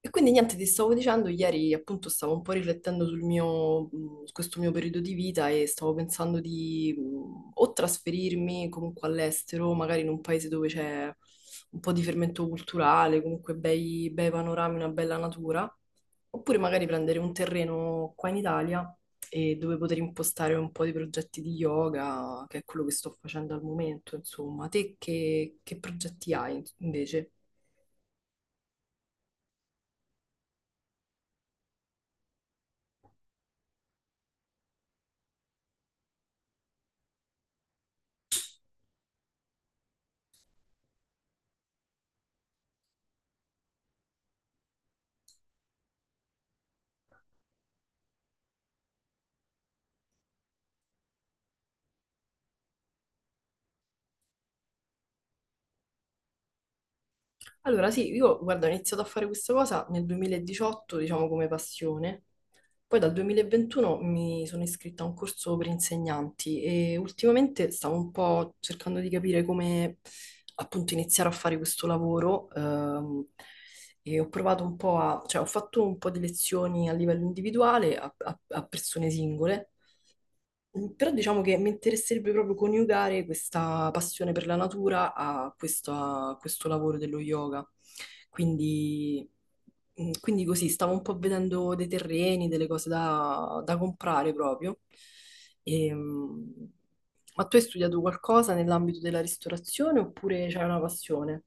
E quindi niente, ti stavo dicendo, ieri appunto stavo un po' riflettendo sul mio, su questo mio periodo di vita e stavo pensando di o trasferirmi comunque all'estero, magari in un paese dove c'è un po' di fermento culturale, comunque bei panorami, una bella natura, oppure magari prendere un terreno qua in Italia e dove poter impostare un po' di progetti di yoga, che è quello che sto facendo al momento, insomma. Te che progetti hai invece? Allora, sì, io guarda, ho iniziato a fare questa cosa nel 2018, diciamo come passione. Poi dal 2021 mi sono iscritta a un corso per insegnanti e ultimamente stavo un po' cercando di capire come appunto iniziare a fare questo lavoro. E ho provato un po' a, cioè ho fatto un po' di lezioni a livello individuale a persone singole. Però diciamo che mi interesserebbe proprio coniugare questa passione per la natura a questo lavoro dello yoga. Quindi, quindi così, stavo un po' vedendo dei terreni, delle cose da comprare proprio. E, mm, ma tu hai studiato qualcosa nell'ambito della ristorazione oppure c'è una passione?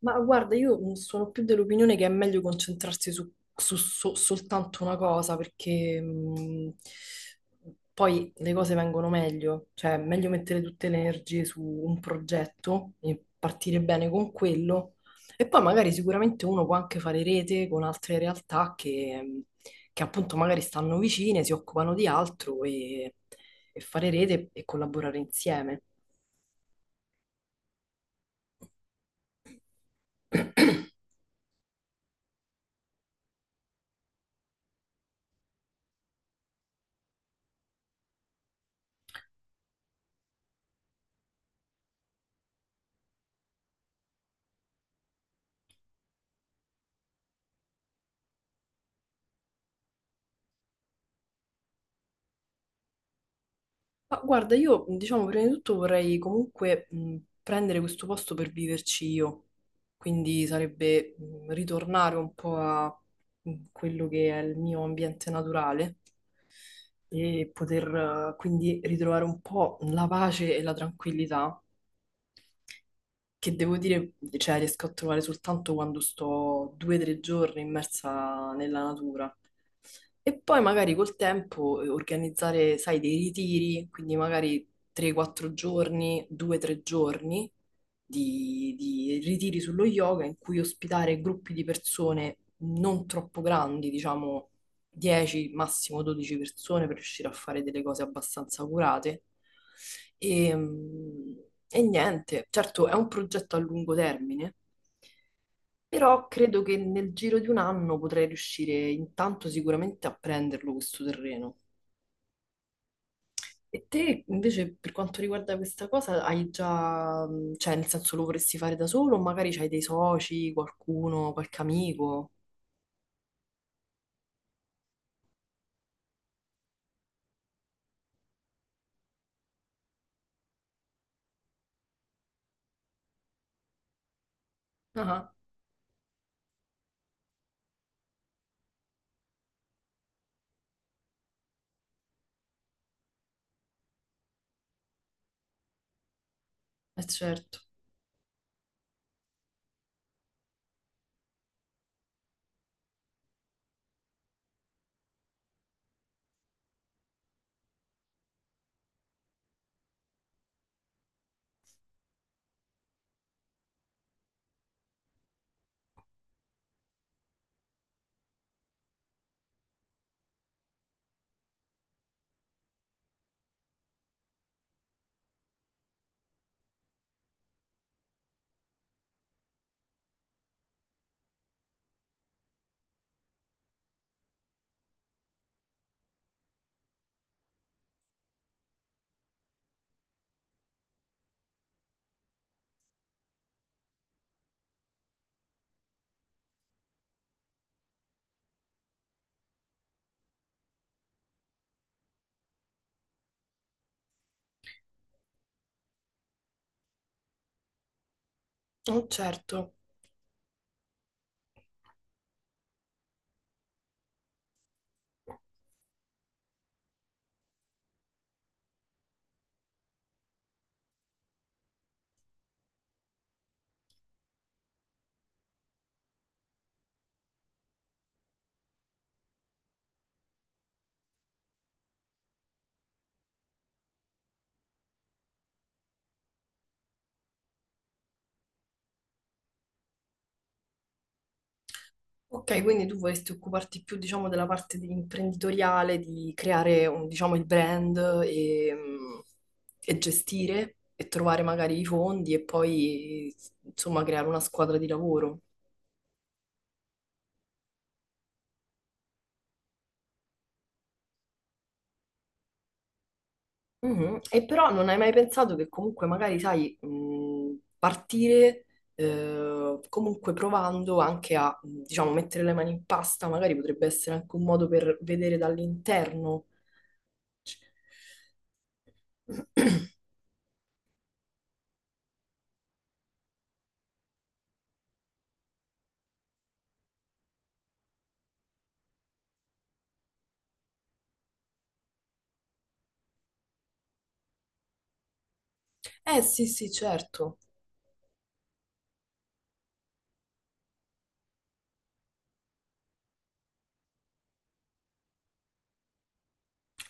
Ma guarda, io sono più dell'opinione che è meglio concentrarsi su, soltanto una cosa, perché poi le cose vengono meglio, cioè è meglio mettere tutte le energie su un progetto e partire bene con quello, e poi magari sicuramente uno può anche fare rete con altre realtà che appunto magari stanno vicine, si occupano di altro e fare rete e collaborare insieme. Ma guarda, io diciamo prima di tutto vorrei comunque prendere questo posto per viverci io, quindi sarebbe ritornare un po' a quello che è il mio ambiente naturale e poter quindi ritrovare un po' la pace e la tranquillità che devo dire, cioè, riesco a trovare soltanto quando sto due o tre giorni immersa nella natura. E poi magari col tempo organizzare, sai, dei ritiri, quindi magari 3-4 giorni, 2-3 giorni di ritiri sullo yoga in cui ospitare gruppi di persone non troppo grandi, diciamo 10, massimo 12 persone per riuscire a fare delle cose abbastanza curate. E, mm, e niente, certo è un progetto a lungo termine, però credo che nel giro di un anno potrei riuscire intanto sicuramente a prenderlo questo terreno. E te invece per quanto riguarda questa cosa hai già, cioè nel senso lo vorresti fare da solo o magari c'hai dei soci, qualcuno, qualche amico? Ah, eh certo, oh, certo. Ok, quindi tu vorresti occuparti più, diciamo, imprenditoriale, diciamo, il brand e, mm, e gestire e trovare magari i fondi e poi, insomma, creare una squadra di lavoro. Mhm. E però non hai mai pensato che comunque magari, sai, partire comunque provando anche a, diciamo, mettere le mani in pasta, magari potrebbe essere anche un modo per vedere dall'interno. Eh sì, sì, certo.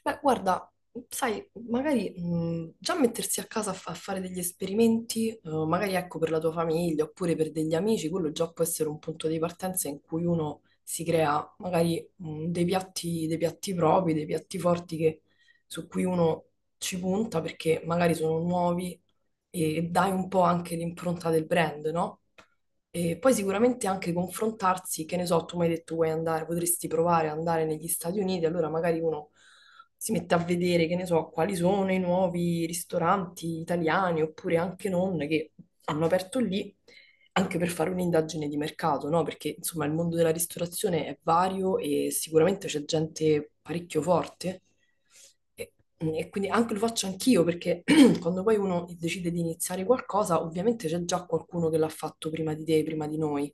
Beh, guarda, sai, magari già mettersi a casa a fare degli esperimenti, magari ecco per la tua famiglia oppure per degli amici, quello già può essere un punto di partenza in cui uno si crea magari dei piatti propri, dei piatti forti che- su cui uno ci punta perché magari sono nuovi e dai un po' anche l'impronta del brand, no? E poi sicuramente anche confrontarsi, che ne so, tu mi hai detto vuoi andare, potresti provare ad andare negli Stati Uniti, allora magari uno si mette a vedere, che ne so, quali sono i nuovi ristoranti italiani oppure anche non che hanno aperto lì, anche per fare un'indagine di mercato, no? Perché insomma il mondo della ristorazione è vario e sicuramente c'è gente parecchio forte. E, e quindi anche lo faccio anch'io perché quando poi uno decide di iniziare qualcosa, ovviamente c'è già qualcuno che l'ha fatto prima di te, prima di noi.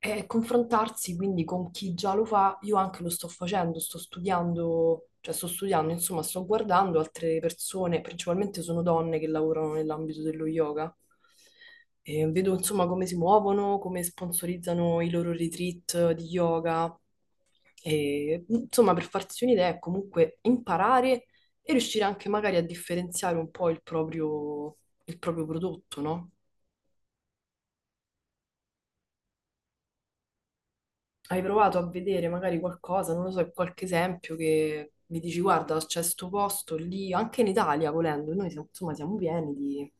E confrontarsi quindi con chi già lo fa, io anche lo sto facendo, sto studiando, cioè sto studiando, insomma, sto guardando altre persone, principalmente sono donne che lavorano nell'ambito dello yoga. E vedo insomma come si muovono, come sponsorizzano i loro retreat di yoga. E, insomma, per farsi un'idea è comunque imparare e riuscire anche magari a differenziare un po' il proprio prodotto, no? Hai provato a vedere magari qualcosa, non lo so, qualche esempio che mi dici, guarda, c'è sto posto lì, anche in Italia, volendo, insomma siamo pieni di,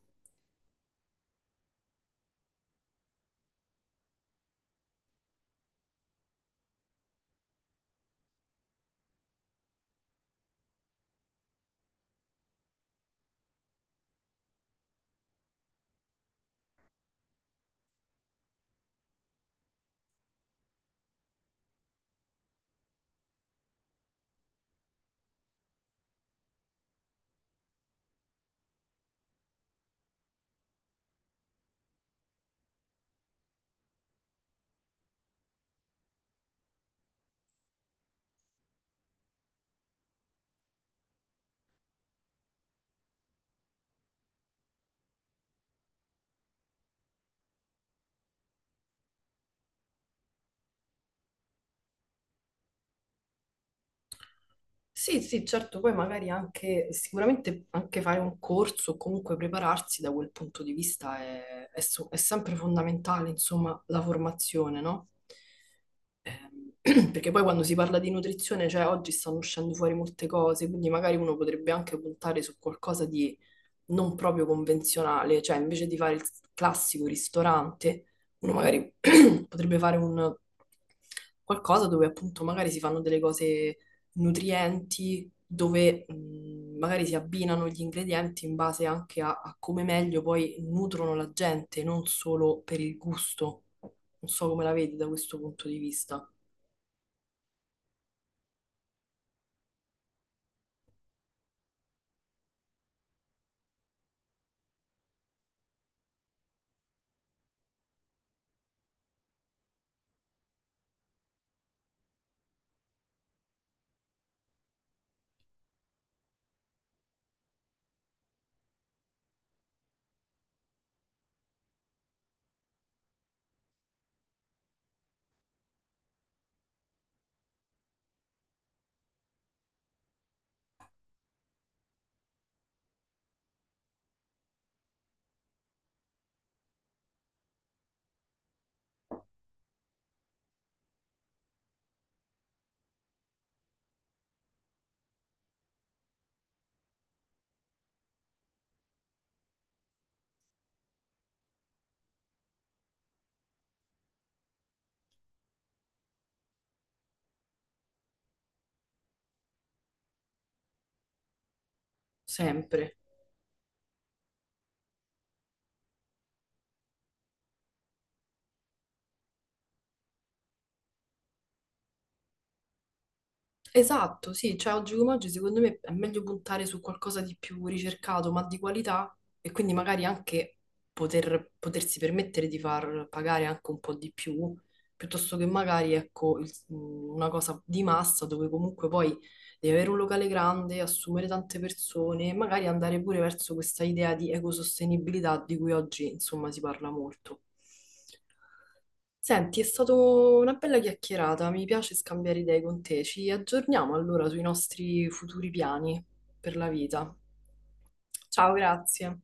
sì, sì, certo, poi magari anche, sicuramente anche fare un corso o comunque prepararsi da quel punto di vista è sempre fondamentale, insomma, la formazione, no? Ehm, Perché poi quando si parla di nutrizione, cioè oggi stanno uscendo fuori molte cose, quindi magari uno potrebbe anche puntare su qualcosa di non proprio convenzionale, cioè invece di fare il classico ristorante, uno magari potrebbe fare un qualcosa dove appunto magari si fanno delle cose nutrienti, dove magari si abbinano gli ingredienti in base anche a come meglio poi nutrono la gente, non solo per il gusto. Non so come la vedi da questo punto di vista, sempre. Esatto, sì, cioè oggi come oggi secondo me è meglio puntare su qualcosa di più ricercato ma di qualità e quindi magari anche potersi permettere di far pagare anche un po' di più, piuttosto che magari ecco una cosa di massa dove comunque poi devi avere un locale grande, assumere tante persone e magari andare pure verso questa idea di ecosostenibilità di cui oggi insomma si parla molto. Senti, è stata una bella chiacchierata, mi piace scambiare idee con te. Ci aggiorniamo allora sui nostri futuri piani per la vita. Ciao, grazie.